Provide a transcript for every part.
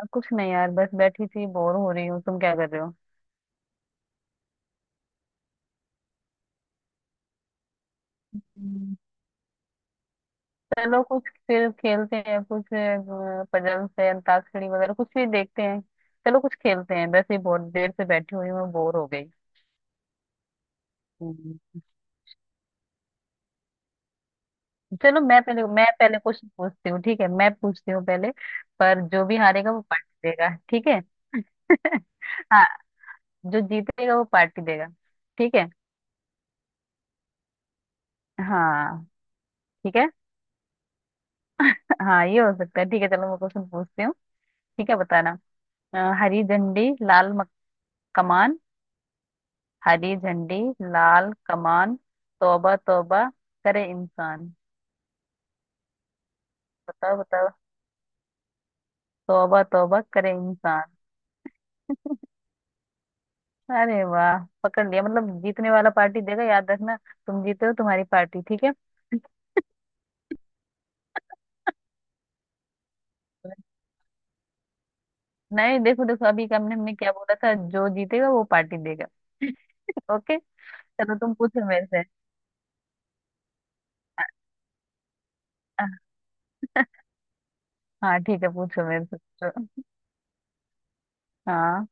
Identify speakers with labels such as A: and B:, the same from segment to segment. A: अब कुछ नहीं यार, बस बैठी थी, बोर हो रही हूँ। तुम क्या कर रहे हो? हम्म, चलो कुछ फिर खेलते हैं, कुछ पजल्स है अंताक्षरी वगैरह, कुछ भी देखते हैं। चलो कुछ खेलते हैं, वैसे ही बहुत देर से बैठी हुई हूँ, बोर हो गई। हम्म, चलो मैं पहले क्वेश्चन पूछती हूँ। ठीक है, मैं पूछती हूँ पहले। पर जो भी हारेगा वो पार्टी देगा, ठीक है? हाँ, जो जीतेगा वो पार्टी देगा। ठीक है। हाँ, ठीक है। हाँ, ये हो सकता है। ठीक है, चलो मैं क्वेश्चन पूछती हूँ। ठीक है, बताना। हरी झंडी लाल कमान, हरी झंडी लाल कमान, तौबा तौबा करे इंसान। बताओ बताओ। तौबा तौबा करे इंसान। अरे वाह, पकड़ लिया। मतलब जीतने वाला पार्टी देगा, याद रखना। तुम जीते हो, तुम्हारी पार्टी, ठीक है। नहीं, देखो देखो, अभी का हमने हमने क्या बोला था? जो जीतेगा वो पार्टी देगा। ओके, चलो तुम पूछो मेरे से। हाँ ठीक है, पूछो मेरे से, पूछो। हाँ।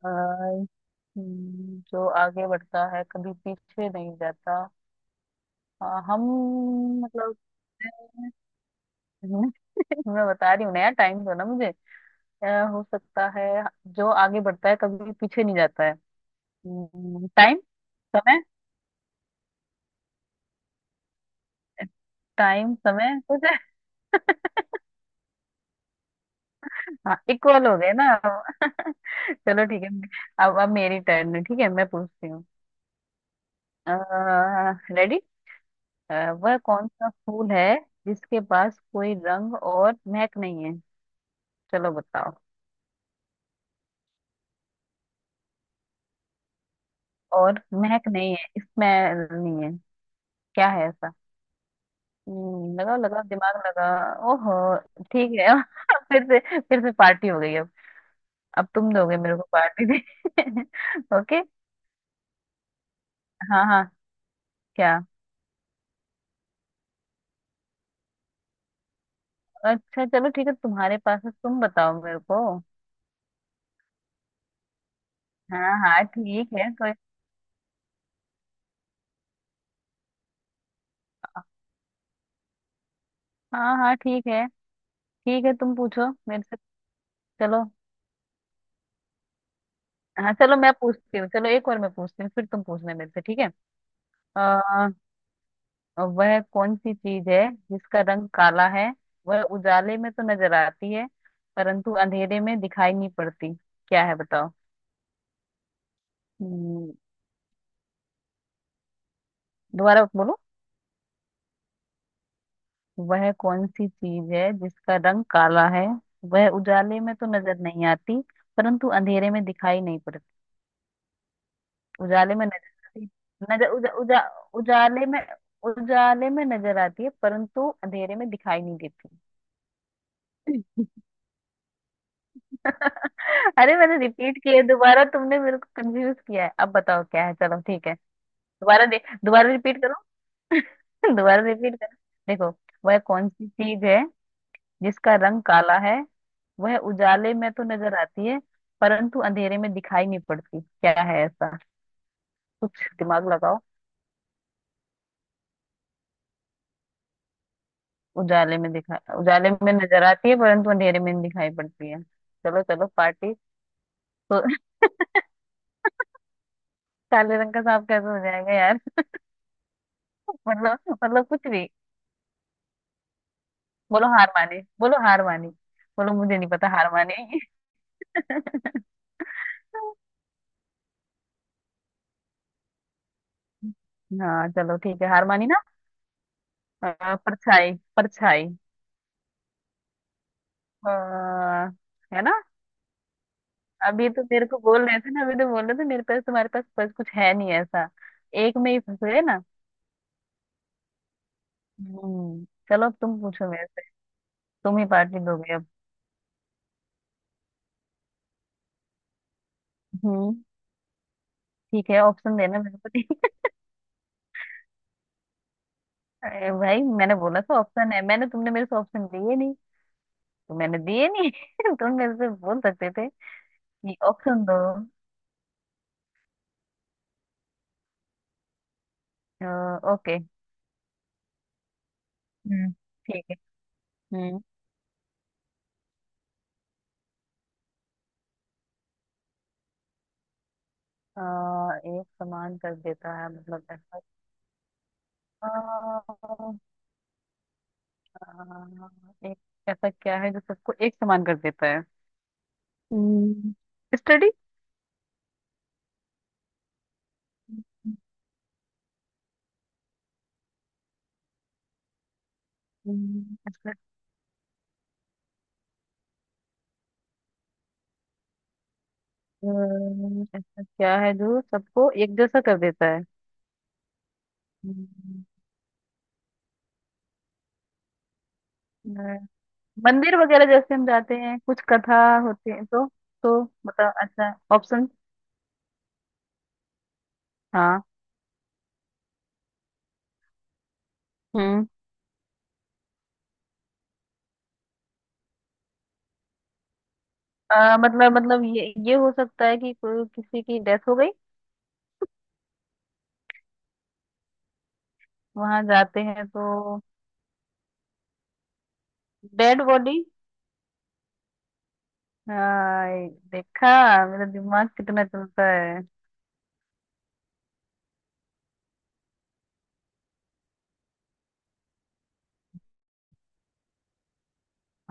A: अ, जो आगे बढ़ता है कभी पीछे नहीं जाता। हाँ, हम मतलब, मैं मैं बता रही हूँ ना यार, टाइम दो ना मुझे। अ, हो सकता है। जो आगे बढ़ता है कभी पीछे नहीं जाता है। टाइम, समय। टाइम समय कुछ है। हाँ, इक्वल हो गए ना हम। चलो ठीक है, अब मेरी टर्न है। ठीक है, मैं पूछती हूँ। रेडी? वह कौन सा फूल है जिसके पास कोई रंग और महक नहीं है? चलो बताओ। और महक नहीं है, स्मेल नहीं है। क्या है ऐसा? लगाओ लगाओ, दिमाग लगा। ओहो, ठीक है। फिर से पार्टी हो गई अब। अब तुम दोगे मेरे को, पार्टी दे। ओके। हाँ हाँ। क्या? अच्छा चलो ठीक है, तुम्हारे पास है, तुम बताओ मेरे को। हाँ हाँ ठीक है, कोई। हाँ हाँ ठीक है। ठीक है, तुम पूछो मेरे से। चलो। हाँ चलो, मैं पूछती हूँ। चलो एक और मैं पूछती हूँ, फिर तुम पूछना मेरे से, ठीक है? अ, और वह कौन सी चीज है जिसका रंग काला है? वह उजाले में तो नजर आती है परंतु अंधेरे में दिखाई नहीं पड़ती। क्या है बताओ? हम्म, दोबारा बोलो। वह कौन सी चीज है जिसका रंग काला है? वह उजाले में तो नजर नहीं आती परंतु अंधेरे में दिखाई नहीं पड़ती। उजाले में नजर आती नजर उजा, उजा, उजाले में उजाले में नजर आती है परंतु अंधेरे में दिखाई नहीं देती। अरे मैंने रिपीट किया है, दोबारा तुमने मेरे को कंफ्यूज किया है। अब बताओ क्या है, चलो ठीक है। दोबारा दे दोबारा रिपीट करो। दोबारा रिपीट करो। देखो, वह कौन सी चीज है जिसका रंग काला है? वह उजाले में तो नजर आती है परंतु अंधेरे में दिखाई नहीं पड़ती। क्या है ऐसा? कुछ दिमाग लगाओ। उजाले में नजर आती है परंतु अंधेरे में नहीं दिखाई पड़ती है। चलो चलो, पार्टी। तो काले रंग का सांप कैसे हो जाएगा यार? मतलब मतलब कुछ भी। बोलो हार मानी। बोलो मुझे नहीं पता, हार मानेगी? हाँ चलो ठीक है, हार मानी ना। परछाई, परछाई। अ, है ना, अभी तो मेरे को बोल रहे थे ना, अभी तो बोल रहे थे मेरे पास तुम्हारे पास बस कुछ है नहीं ऐसा। एक में ही फंसे ना। हम्म चलो, अब तुम पूछो मेरे से, तुम ही पार्टी दोगे अब। हम्म ठीक है, ऑप्शन देना मेरे को, ठीक है? अरे भाई मैंने बोला था ऑप्शन है। मैंने तुमने मेरे से ऑप्शन दिए नहीं तो मैंने दिए नहीं। तुम मेरे से बोल सकते थे, ये ऑप्शन दो। ओके। हम्म ठीक है। हम्म अ, एक समान कर देता है मतलब ऐसा? अ, एक ऐसा क्या है जो सबको एक समान कर देता है? हम्म, स्टडी। ऐसा ऐसा क्या है जो सबको एक जैसा कर देता है? हम्म। अ, मंदिर वगैरह जैसे हम जाते हैं, कुछ कथा होती है तो बता अच्छा ऑप्शन। हाँ। मतलब ये हो सकता है कि कोई किसी की डेथ हो गई, वहां जाते हैं तो। Dead body. देखा मेरा दिमाग कितना चलता है।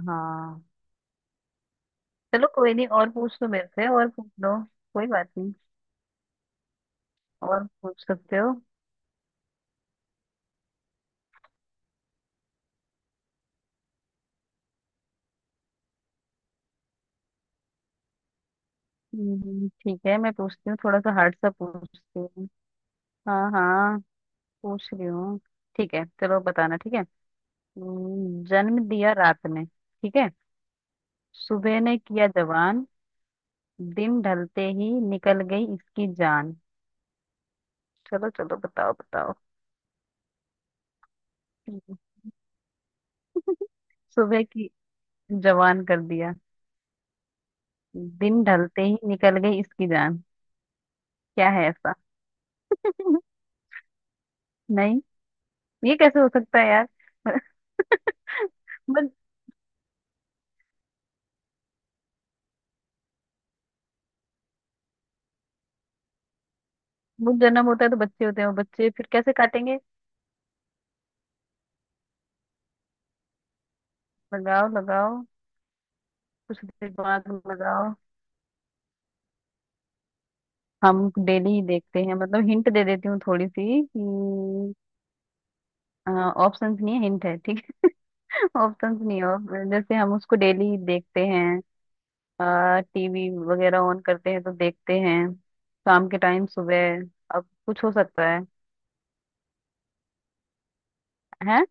A: हाँ। चलो कोई नहीं, और पूछ लो मेरे से, और पूछ लो, कोई बात नहीं, और पूछ सकते हो। ठीक है, मैं पूछती हूँ, थोड़ा सा हार्ड सा पूछती हूँ। हाँ हाँ, पूछ रही हूँ। ठीक है, चलो बताना, ठीक है। जन्म दिया रात ने, ठीक है? सुबह ने किया जवान, दिन ढलते ही निकल गई इसकी जान। चलो चलो बताओ बताओ। सुबह की, जवान कर दिया, दिन ढलते ही निकल गई इसकी जान। क्या है ऐसा? नहीं, ये कैसे हो सकता है यार? बस। वो जन्म होता है तो बच्चे होते हैं, वो बच्चे फिर कैसे काटेंगे? लगाओ लगाओ, कुछ दिमाग लगाओ। हम डेली ही देखते हैं मतलब, हिंट दे देती हूँ थोड़ी सी कि। ऑप्शंस नहीं है, हिंट है ठीक है। ऑप्शंस नहीं है, और जैसे हम उसको डेली देखते हैं। टीवी वगैरह ऑन करते हैं तो देखते हैं, शाम के टाइम सुबह, अब कुछ हो सकता है? हैं?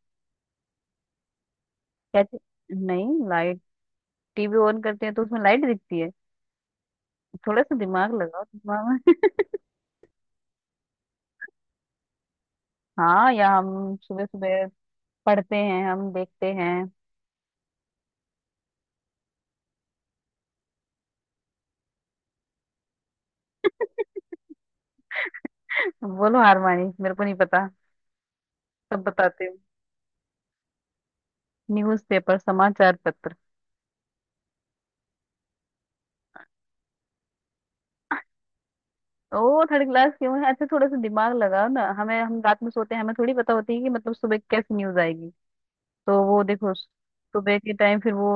A: क्या चीज़? नहीं, लाइट। टीवी ऑन करते हैं तो उसमें लाइट दिखती है। थोड़ा सा दिमाग लगाओ, दिमाग में। हाँ, या हम सुबह सुबह पढ़ते हैं, हम देखते हैं। बोलो हार मानी, मेरे को नहीं पता, सब बताते हो। न्यूज पेपर, समाचार पत्र। ओ थर्ड क्लास क्यों है? अच्छा थोड़ा सा दिमाग लगाओ ना, हमें, हम रात में सोते हैं, हमें थोड़ी पता होती है कि मतलब सुबह कैसी न्यूज आएगी। तो वो देखो सुबह के टाइम, फिर वो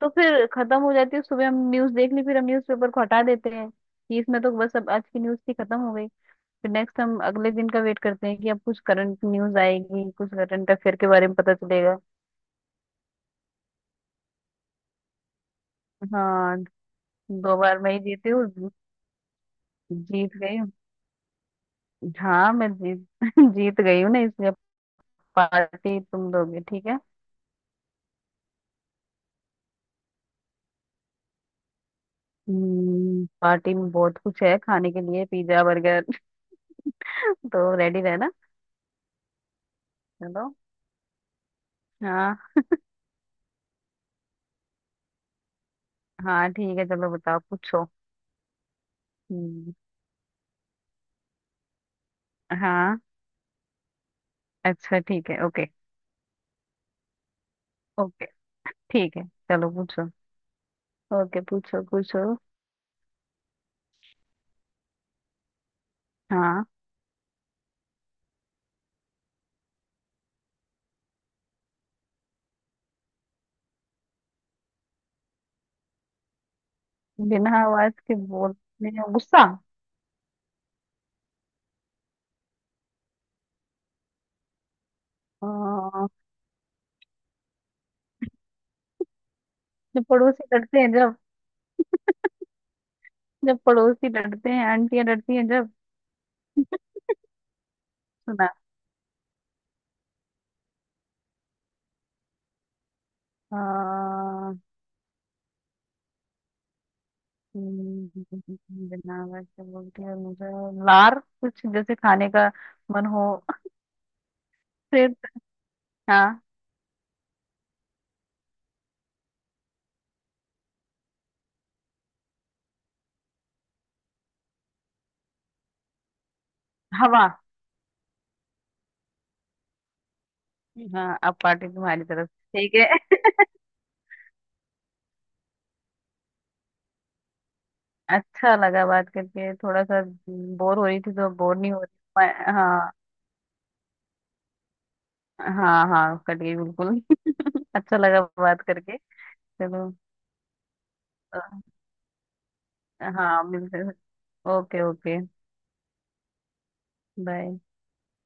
A: तो फिर खत्म हो जाती है। सुबह हम न्यूज देख ली, फिर हम न्यूज पेपर को हटा देते हैं कि इसमें तो बस, अब आज की न्यूज थी, खत्म हो गई। फिर नेक्स्ट हम अगले दिन का वेट करते हैं कि अब कुछ करंट न्यूज आएगी, कुछ करंट अफेयर के बारे में पता चलेगा। हाँ, दो बार मैं ही जीती हूँ, जीत गई हूँ। हाँ मैं जीत जीत गई हूँ ना, इसलिए पार्टी तुम दोगे, ठीक है? पार्टी में बहुत कुछ है खाने के लिए, पिज्जा बर्गर। तो रेडी रहना। चलो। हाँ हाँ ठीक है, चलो बताओ पूछो। हम्म, हाँ, अच्छा ठीक है, ओके ओके। ठीक है, चलो पूछो। ओके पूछो पूछो। हाँ। बिना आवाज के बोलने, गुस्सा? हाँ, जब पड़ोसी लड़ते हैं, जब जब पड़ोसी लड़ते हैं, आंटियां लड़ती हैं, जब। सुना। हाँ, हम्म, बिना आवाज के बोलती है, मुझे लार, कुछ जैसे खाने का मन हो, सिर। हाँ, हवा। हाँ अब पार्टी तुम्हारी तरफ से, ठीक है। अच्छा लगा बात करके, थोड़ा सा बोर हो रही थी तो बोर नहीं हो रही हाँ। हाँ हाँ, कट गई बिल्कुल। अच्छा लगा बात करके। चलो। अ, हाँ, मिलते हैं। Okay okay. बाय।